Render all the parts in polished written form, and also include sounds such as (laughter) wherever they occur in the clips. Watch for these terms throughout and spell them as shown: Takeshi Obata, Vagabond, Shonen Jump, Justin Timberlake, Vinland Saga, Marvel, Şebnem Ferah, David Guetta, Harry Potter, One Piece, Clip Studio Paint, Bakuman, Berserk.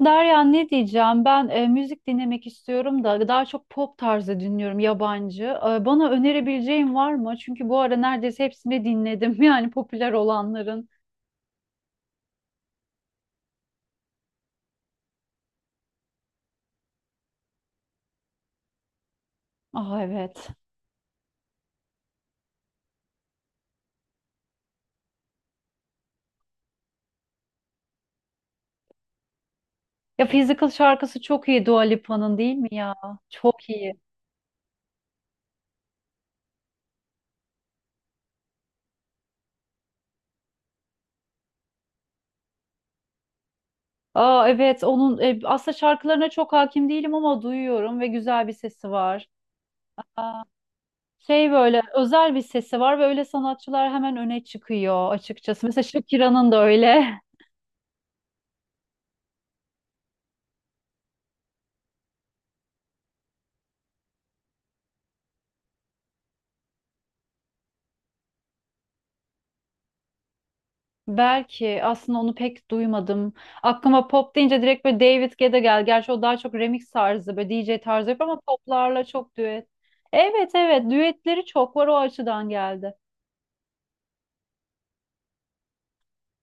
Derya, ne diyeceğim? Ben müzik dinlemek istiyorum da daha çok pop tarzı dinliyorum yabancı. Bana önerebileceğin var mı? Çünkü bu ara neredeyse hepsini dinledim. (laughs) Yani popüler olanların. Ah, evet. Ya Physical şarkısı çok iyi Dua Lipa'nın, değil mi ya? Çok iyi. Aa, evet, onun aslında şarkılarına çok hakim değilim ama duyuyorum ve güzel bir sesi var. Aa, şey, böyle özel bir sesi var ve öyle sanatçılar hemen öne çıkıyor açıkçası. Mesela Shakira'nın da öyle. (laughs) Belki, aslında onu pek duymadım. Aklıma pop deyince direkt böyle David Guetta gel. Gerçi o daha çok remix tarzı, böyle D J tarzı yapıyor ama poplarla çok düet. Evet, evet, düetleri çok var, o açıdan geldi.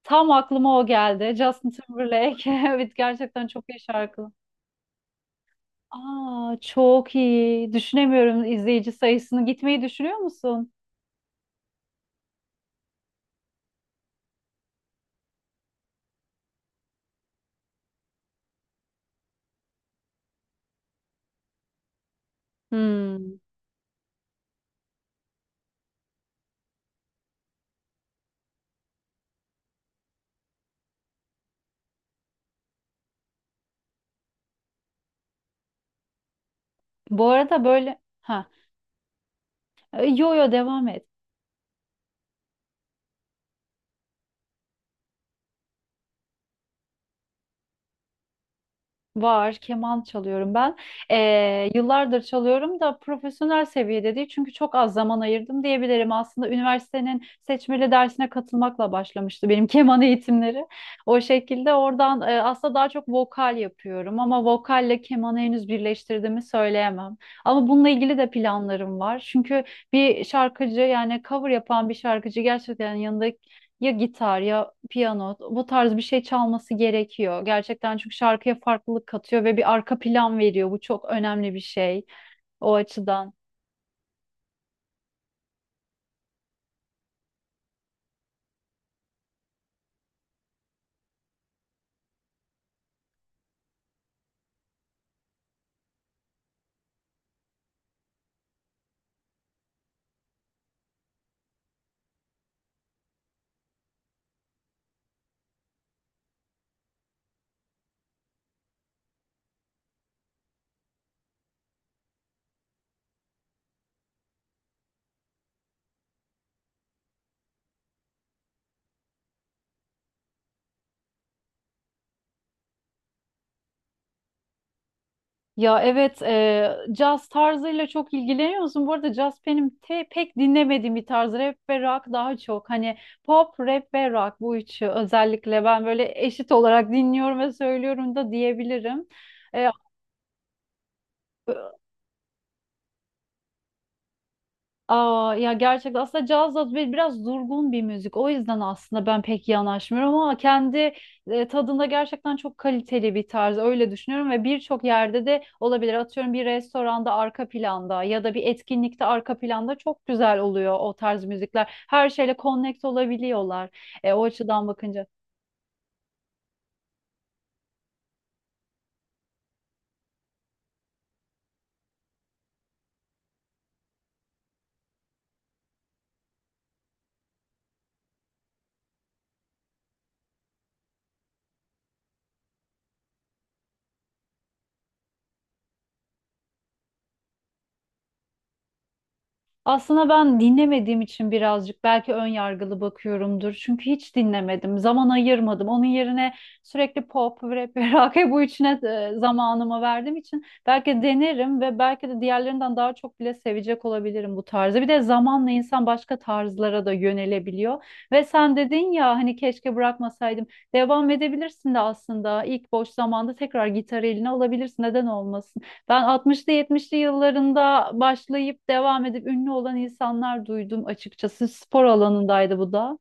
Tam aklıma o geldi. Justin Timberlake. (laughs) Evet, gerçekten çok iyi şarkı. Aa, çok iyi. Düşünemiyorum izleyici sayısını. Gitmeyi düşünüyor musun? Hmm. Bu arada böyle ha, yo yo, devam et. Var, keman çalıyorum ben. Yıllardır çalıyorum da profesyonel seviyede değil çünkü çok az zaman ayırdım diyebilirim. Aslında üniversitenin seçmeli dersine katılmakla başlamıştı benim (laughs) keman eğitimleri. O şekilde oradan aslında daha çok vokal yapıyorum ama vokalle kemanı henüz birleştirdiğimi söyleyemem. Ama bununla ilgili de planlarım var. Çünkü bir şarkıcı, yani cover yapan bir şarkıcı, gerçekten yanında ya gitar ya piyano, bu tarz bir şey çalması gerekiyor. Gerçekten, çünkü şarkıya farklılık katıyor ve bir arka plan veriyor. Bu çok önemli bir şey o açıdan. Ya evet, caz tarzıyla çok ilgileniyor musun? Bu arada caz benim pek dinlemediğim bir tarz. Rap ve rock daha çok. Hani pop, rap ve rock, bu üçü özellikle ben böyle eşit olarak dinliyorum ve söylüyorum da diyebilirim. E, Aa, ya gerçekten, aslında caz da biraz durgun bir müzik. O yüzden aslında ben pek yanaşmıyorum ama kendi tadında gerçekten çok kaliteli bir tarz. Öyle düşünüyorum ve birçok yerde de olabilir. Atıyorum, bir restoranda arka planda ya da bir etkinlikte arka planda çok güzel oluyor o tarz müzikler. Her şeyle connect olabiliyorlar. O açıdan bakınca. Aslında ben dinlemediğim için birazcık belki ön yargılı bakıyorumdur. Çünkü hiç dinlemedim, zaman ayırmadım. Onun yerine sürekli pop, rap ve rock (laughs) bu üçüne zamanımı verdiğim için belki denerim ve belki de diğerlerinden daha çok bile sevecek olabilirim bu tarzı. Bir de zamanla insan başka tarzlara da yönelebiliyor. Ve sen dedin ya, hani keşke bırakmasaydım. Devam edebilirsin de aslında, ilk boş zamanda tekrar gitar eline alabilirsin. Neden olmasın? Ben 60'lı 70'li yıllarında başlayıp devam edip ünlü olan insanlar duydum açıkçası. Spor alanındaydı bu da.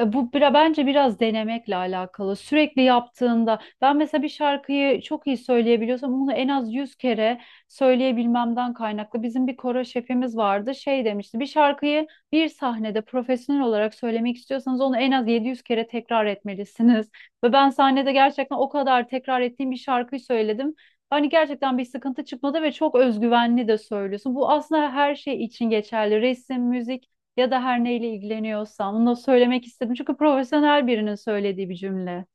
Bu bence biraz denemekle alakalı. Sürekli yaptığında, ben mesela bir şarkıyı çok iyi söyleyebiliyorsam bunu en az 100 kere söyleyebilmemden kaynaklı. Bizim bir koro şefimiz vardı. Şey demişti: bir şarkıyı bir sahnede profesyonel olarak söylemek istiyorsanız onu en az 700 kere tekrar etmelisiniz. (laughs) Ve ben sahnede gerçekten o kadar tekrar ettiğim bir şarkıyı söyledim. Hani gerçekten bir sıkıntı çıkmadı ve çok özgüvenli de söylüyorsun. Bu aslında her şey için geçerli. Resim, müzik ya da her neyle ilgileniyorsam, bunu da söylemek istedim. Çünkü profesyonel birinin söylediği bir cümle.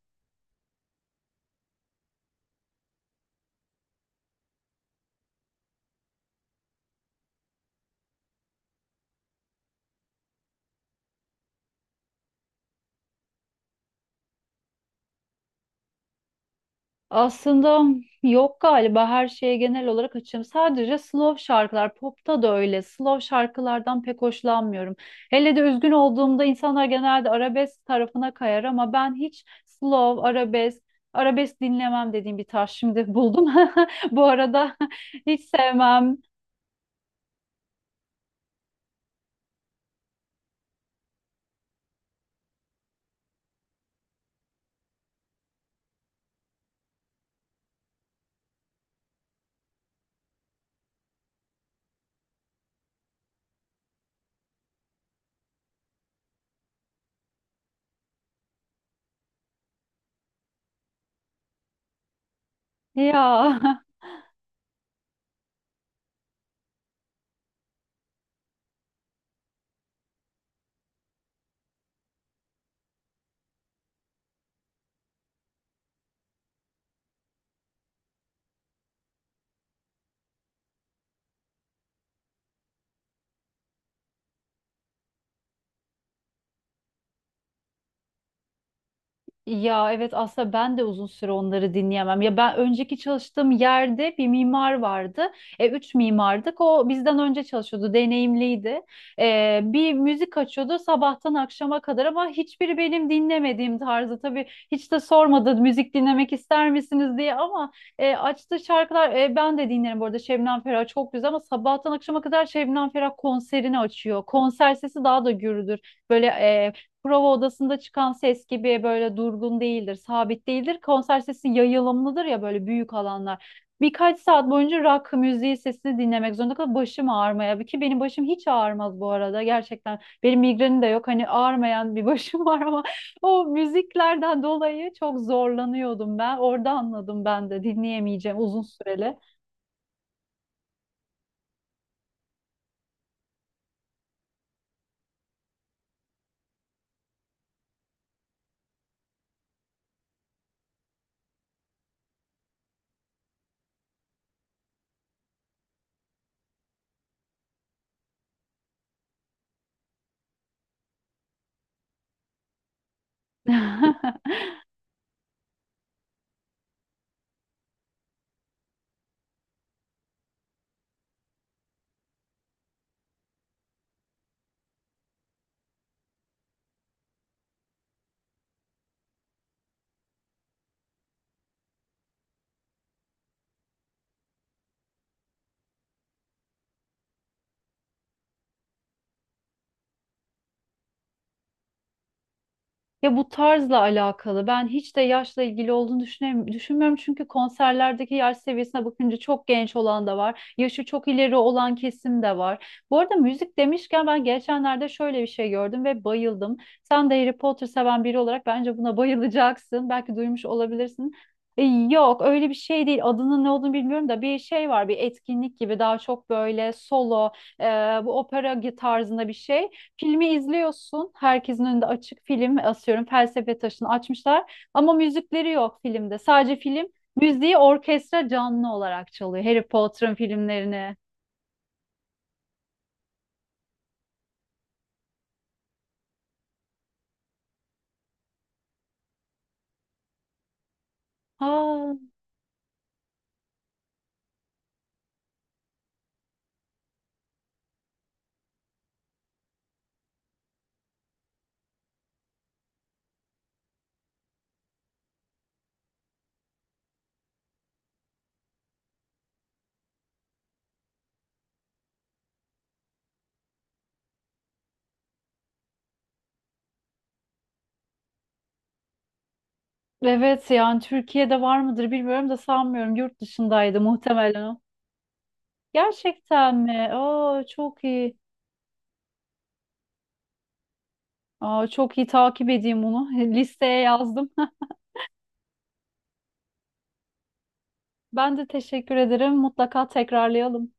Aslında yok galiba, her şeye genel olarak açığım. Sadece slow şarkılar, popta da öyle. Slow şarkılardan pek hoşlanmıyorum. Hele de üzgün olduğumda insanlar genelde arabesk tarafına kayar ama ben hiç slow, arabesk dinlemem dediğim bir tarz şimdi buldum. (laughs) Bu arada (laughs) hiç sevmem. Ya (laughs) ya evet, aslında ben de uzun süre onları dinleyemem. Ya ben önceki çalıştığım yerde bir mimar vardı. Üç mimardık. O bizden önce çalışıyordu, deneyimliydi. Bir müzik açıyordu sabahtan akşama kadar ama hiçbiri benim dinlemediğim tarzı. Tabii hiç de sormadı müzik dinlemek ister misiniz diye ama açtığı şarkılar, ben de dinlerim bu arada. Şebnem Ferah çok güzel ama sabahtan akşama kadar Şebnem Ferah konserini açıyor. Konser sesi daha da gürüdür. Böyle prova odasında çıkan ses gibi böyle durgun değildir, sabit değildir. Konser sesi yayılımlıdır ya, böyle büyük alanlar. Birkaç saat boyunca rock müziği sesini dinlemek zorunda kalıp başım ağrımaya. Ki benim başım hiç ağrımaz bu arada, gerçekten. Benim migrenim de yok, hani ağrımayan bir (laughs) başım var ama (laughs) o müziklerden dolayı çok zorlanıyordum ben. Orada anladım, ben de dinleyemeyeceğim uzun süreli. (laughs) Ya bu tarzla alakalı. Ben hiç de yaşla ilgili olduğunu düşünmüyorum. Çünkü konserlerdeki yaş seviyesine bakınca çok genç olan da var. Yaşı çok ileri olan kesim de var. Bu arada müzik demişken, ben geçenlerde şöyle bir şey gördüm ve bayıldım. Sen de Harry Potter seven biri olarak bence buna bayılacaksın. Belki duymuş olabilirsin. Yok, öyle bir şey değil, adının ne olduğunu bilmiyorum da bir şey var, bir etkinlik gibi, daha çok böyle solo e, bu opera tarzında bir şey. Filmi izliyorsun. Herkesin önünde açık film asıyorum. Felsefe Taşı'nı açmışlar. Ama müzikleri yok filmde. Sadece film müziği orkestra canlı olarak çalıyor. Harry Potter'ın filmlerini. Ha, evet, yani Türkiye'de var mıdır bilmiyorum da sanmıyorum. Yurt dışındaydı muhtemelen o. Gerçekten mi? Aa, çok iyi. Aa, çok iyi, takip edeyim bunu. (laughs) Listeye yazdım. (laughs) Ben de teşekkür ederim. Mutlaka tekrarlayalım.